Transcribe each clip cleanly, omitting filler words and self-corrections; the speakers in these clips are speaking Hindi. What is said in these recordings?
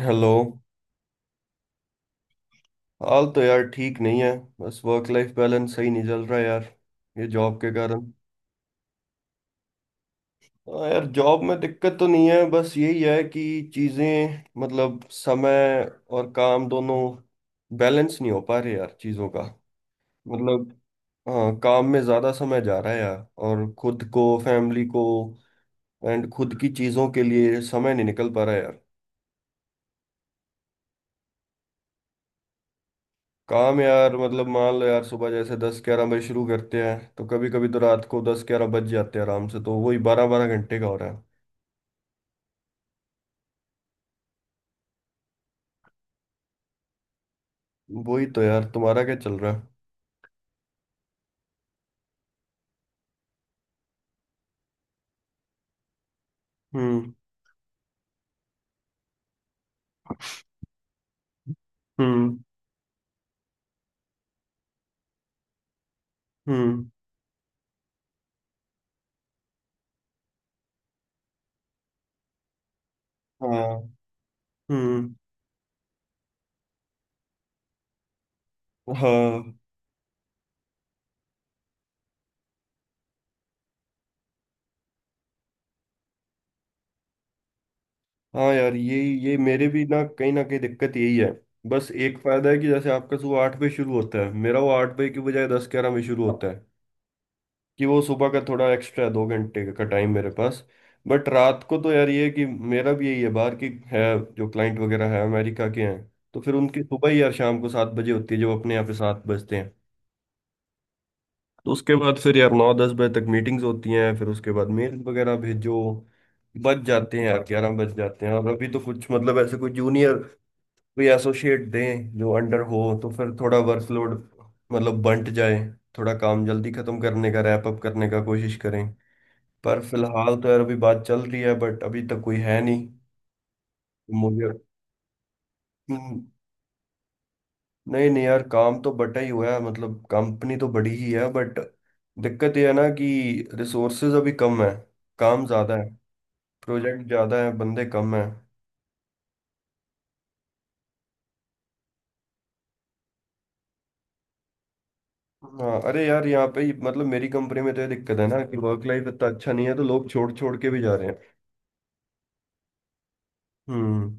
हेलो। हाल तो यार ठीक नहीं है। बस वर्क लाइफ बैलेंस सही नहीं चल रहा यार। ये जॉब के कारण। हाँ यार, जॉब में दिक्कत तो नहीं है, बस यही है कि चीज़ें मतलब समय और काम दोनों बैलेंस नहीं हो पा रहे यार, चीज़ों का। मतलब हाँ, काम में ज़्यादा समय जा रहा है यार, और खुद को फैमिली को एंड खुद की चीज़ों के लिए समय नहीं निकल पा रहा है यार। काम यार मतलब मान लो यार, सुबह जैसे 10 11 बजे शुरू करते हैं तो कभी कभी तो रात को 10 11 बज जाते हैं आराम से, तो वही 12-12 घंटे का हो रहा है। वही तो यार, तुम्हारा क्या चल रहा है? हम्म। हम्म। हम्म। हाँ। हम्म। हाँ, हाँ यार यही ये मेरे भी ना कहीं दिक्कत यही है। बस एक फायदा है कि जैसे आपका सुबह 8 बजे शुरू होता है, मेरा वो 8 बजे की बजाय 10 11 बजे शुरू होता है। कि वो सुबह का थोड़ा एक्स्ट्रा 2 घंटे का टाइम मेरे पास। बट रात को तो यार ये है कि मेरा भी यही है, बाहर की है जो क्लाइंट वगैरह है, अमेरिका के हैं। तो फिर उनकी सुबह ही यार शाम को 7 बजे होती है, जो अपने यहाँ पे 7 बजते हैं। तो उसके बाद फिर यार 9 10 बजे तक मीटिंग्स होती हैं, फिर उसके बाद मेल वगैरह भेजो, बज जाते हैं यार 11 बज जाते हैं। और अभी तो कुछ मतलब ऐसे कोई जूनियर, कोई एसोसिएट दें जो अंडर हो तो फिर थोड़ा वर्कलोड मतलब बंट जाए, थोड़ा काम जल्दी खत्म करने का रैप अप करने का कोशिश करें। पर फिलहाल तो यार अभी बात चल रही है बट अभी तक कोई है नहीं। मुझे हम्म, नहीं नहीं यार, काम तो बटा ही हुआ है, मतलब कंपनी तो बड़ी ही है बट दिक्कत ये है ना कि रिसोर्सेज अभी कम है, काम ज़्यादा है, प्रोजेक्ट ज़्यादा है, बंदे कम है। हाँ अरे यार यहाँ पे मतलब मेरी कंपनी में तो ये दिक्कत है ना कि वर्क लाइफ इतना अच्छा नहीं है तो लोग छोड़ छोड़ के भी जा रहे हैं। हम्म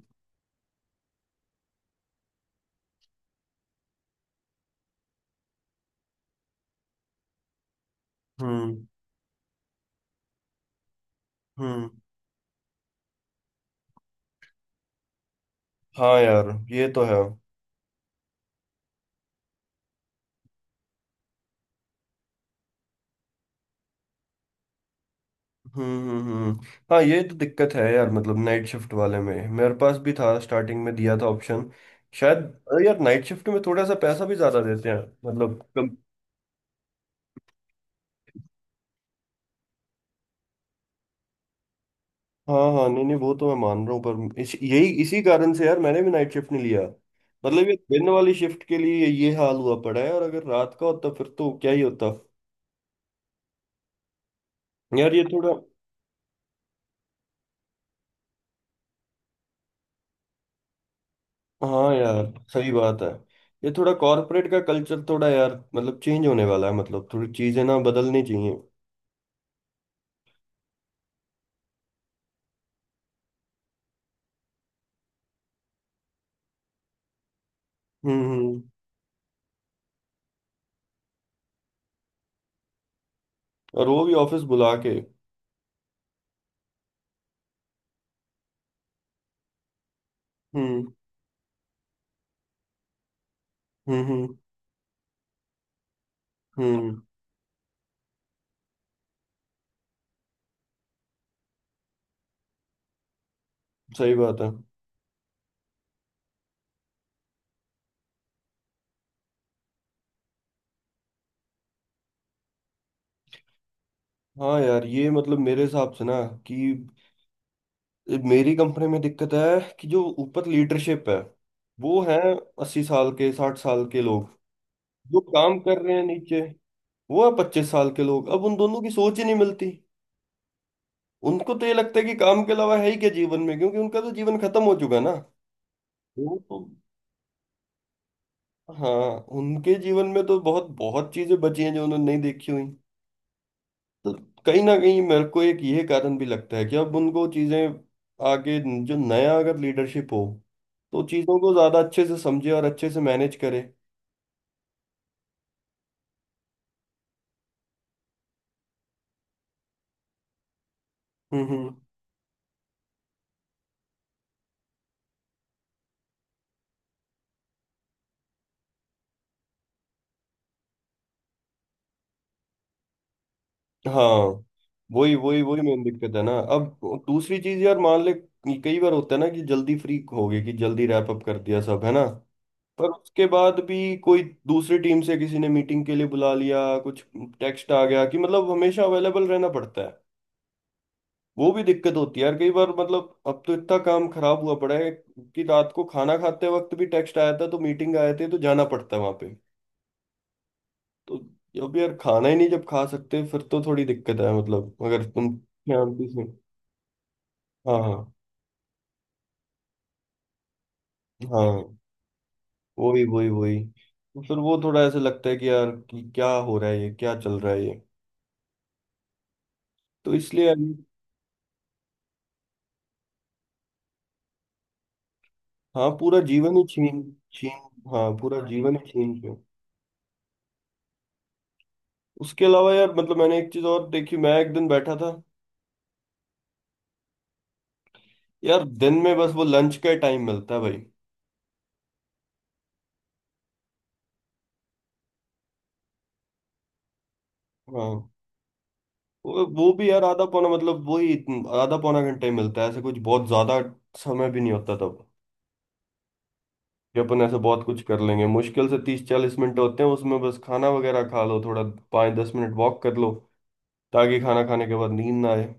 हम्म हम्म। हाँ यार ये तो है। हम्म हम्म हम्म। हाँ ये तो दिक्कत है यार, मतलब नाइट शिफ्ट वाले में मेरे पास भी था, स्टार्टिंग में दिया था ऑप्शन शायद। अरे यार नाइट शिफ्ट में थोड़ा सा पैसा भी ज्यादा देते हैं, मतलब कम। हाँ हाँ, नहीं नहीं, वो तो मैं मान रहा हूँ। पर यही इसी कारण से यार मैंने भी नाइट शिफ्ट नहीं लिया। मतलब ये दिन वाली शिफ्ट के लिए ये हाल हुआ पड़ा है, और अगर रात का होता फिर तो क्या ही होता। यार ये थोड़ा। हाँ यार सही बात है। ये थोड़ा कॉर्पोरेट का कल्चर थोड़ा यार मतलब चेंज होने वाला है, मतलब थोड़ी चीजें ना बदलनी चाहिए। हम्म। और वो भी ऑफिस बुला के। हम्म हम्म हम्म हम्म। सही बात है। हाँ यार ये मतलब मेरे हिसाब से ना कि मेरी कंपनी में दिक्कत है कि जो ऊपर लीडरशिप है, वो है 80 साल के 60 साल के लोग। जो काम कर रहे हैं नीचे, वो है 25 साल के लोग, अब उन दोनों की सोच ही नहीं मिलती। उनको तो ये लगता है कि काम के अलावा है ही क्या जीवन में, क्योंकि उनका तो जीवन खत्म हो चुका है ना। वो तो हाँ उनके जीवन में तो बहुत बहुत चीजें बची हैं जो उन्होंने नहीं देखी हुई। तो कहीं ना कहीं मेरे को एक ये कारण भी लगता है कि अब उनको चीजें आगे, जो नया अगर लीडरशिप हो तो चीजों को ज्यादा अच्छे से समझे और अच्छे से मैनेज करे। हम्म हम्म। हाँ वही वही वही मेन दिक्कत है ना अब। दूसरी चीज यार मान ले, कई बार होता है ना कि जल्दी फ्री हो गए कि जल्दी रैप अप कर दिया सब है ना, पर उसके बाद भी कोई दूसरी टीम से किसी ने मीटिंग के लिए बुला लिया, कुछ टेक्स्ट आ गया, कि मतलब हमेशा अवेलेबल रहना पड़ता है। वो भी दिक्कत होती है यार कई बार, मतलब अब तो इतना काम खराब हुआ पड़ा है कि रात को खाना खाते वक्त भी टेक्स्ट आया था तो मीटिंग आए थे तो जाना पड़ता है वहां पे। तो अब यार खाना ही नहीं जब खा सकते फिर तो थोड़ी दिक्कत है, मतलब अगर तुम ध्यान भी से। हाँ हाँ हाँ वही वही वही तो फिर वो थोड़ा ऐसे लगता है कि यार कि क्या हो रहा है ये, क्या चल रहा है ये। तो इसलिए यार। हाँ पूरा जीवन ही छीन छीन। हाँ पूरा जीवन ही छीन पे। उसके अलावा यार मतलब मैंने एक चीज और देखी, मैं एक दिन बैठा था। यार दिन में बस वो लंच का टाइम मिलता है भाई। हाँ। वो भी यार आधा पौना मतलब वही आधा पौना घंटा ही मिलता है, ऐसे कुछ बहुत ज्यादा समय भी नहीं होता तब कि अपन ऐसे बहुत कुछ कर लेंगे, मुश्किल से 30 40 मिनट होते हैं उसमें, बस खाना वगैरह खा लो थोड़ा 5 10 मिनट वॉक कर लो ताकि खाना खाने के बाद नींद ना आए।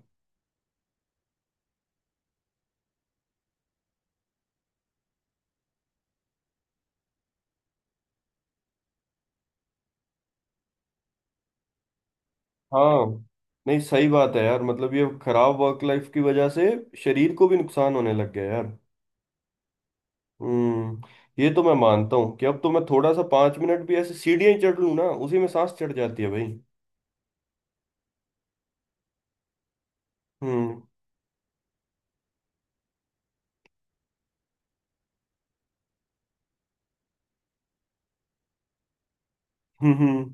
हाँ नहीं सही बात है यार, मतलब ये खराब वर्क लाइफ की वजह से शरीर को भी नुकसान होने लग गया है यार। हम्म। ये तो मैं मानता हूँ कि अब तो मैं थोड़ा सा 5 मिनट भी ऐसे सीढ़ियां ही चढ़ लूँ ना उसी में सांस चढ़ जाती है भाई। हम्म हम्म।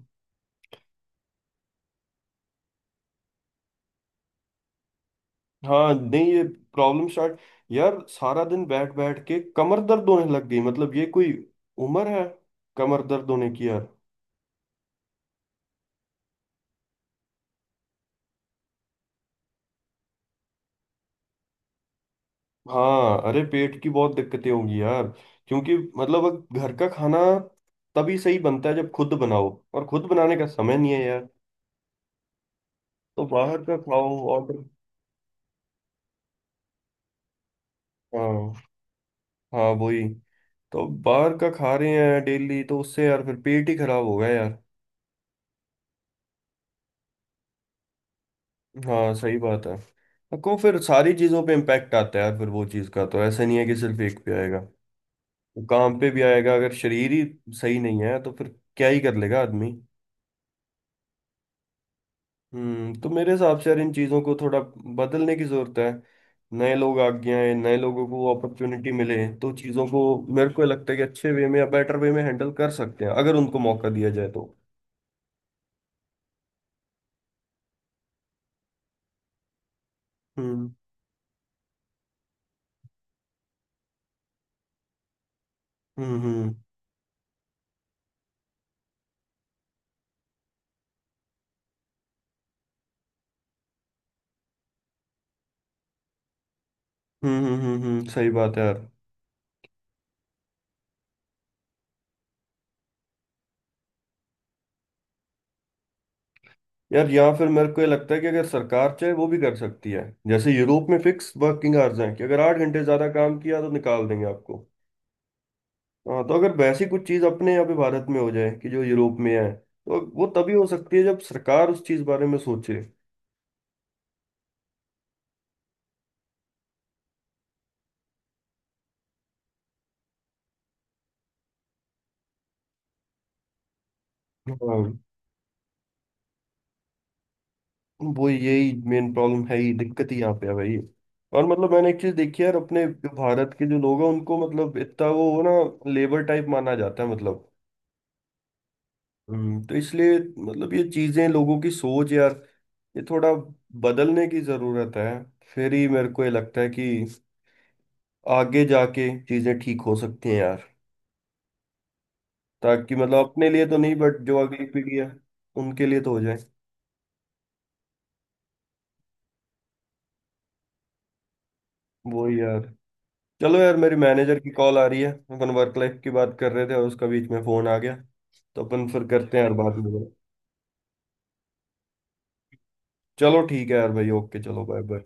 हाँ नहीं ये प्रॉब्लम स्टार्ट, यार सारा दिन बैठ बैठ के कमर दर्द होने लग गई, मतलब ये कोई उम्र है कमर दर्द होने की यार। हाँ अरे पेट की बहुत दिक्कतें होंगी यार, क्योंकि मतलब अब घर का खाना तभी सही बनता है जब खुद बनाओ और खुद बनाने का समय नहीं है यार, तो बाहर का खाओ ऑर्डर। हाँ हाँ वही, तो बाहर का खा रहे हैं डेली तो उससे यार फिर पेट ही खराब होगा यार। हाँ सही बात है। को फिर सारी चीज़ों पे इम्पैक्ट आता है यार, फिर वो चीज़ का तो ऐसा नहीं है कि सिर्फ एक पे आएगा, वो काम पे भी आएगा, अगर शरीर ही सही नहीं है तो फिर क्या ही कर लेगा आदमी। तो मेरे हिसाब से यार इन चीज़ों को थोड़ा बदलने की ज़रूरत है, नए लोग आगे आए, नए लोगों को अपॉर्चुनिटी मिले तो चीज़ों को मेरे को लगता है कि अच्छे वे में या बेटर वे में हैंडल कर सकते हैं अगर उनको मौका दिया जाए तो। हम्म हम्म हम्म सही बात है यार। यार यहाँ फिर मेरे को ये लगता है कि अगर सरकार चाहे वो भी कर सकती है, जैसे यूरोप में फिक्स वर्किंग आवर्स हैं कि अगर 8 घंटे ज्यादा काम किया तो निकाल देंगे आपको। हाँ तो अगर वैसी कुछ चीज अपने यहाँ पे भारत में हो जाए कि जो यूरोप में है, तो वो तभी हो सकती है जब सरकार उस चीज बारे में सोचे। हाँ वो यही मेन प्रॉब्लम है ही, दिक्कत ही यहाँ पे है भाई। और मतलब मैंने एक चीज देखी है यार, अपने जो भारत के जो लोग हैं उनको मतलब इतना वो ना लेबर टाइप माना जाता है मतलब। तो इसलिए मतलब ये चीजें लोगों की सोच यार ये थोड़ा बदलने की जरूरत है, फिर ही मेरे को ये लगता है कि आगे जाके चीजें ठीक हो सकती हैं यार, ताकि मतलब अपने लिए तो नहीं बट जो अगली पीढ़ी है उनके लिए तो हो जाए। वो ही यार, चलो यार मेरी मैनेजर की कॉल आ रही है, अपन वर्क लाइफ की बात कर रहे थे और उसका बीच में फोन आ गया। तो अपन फिर करते हैं यार बाद में। चलो ठीक है यार भाई, ओके चलो, बाय बाय।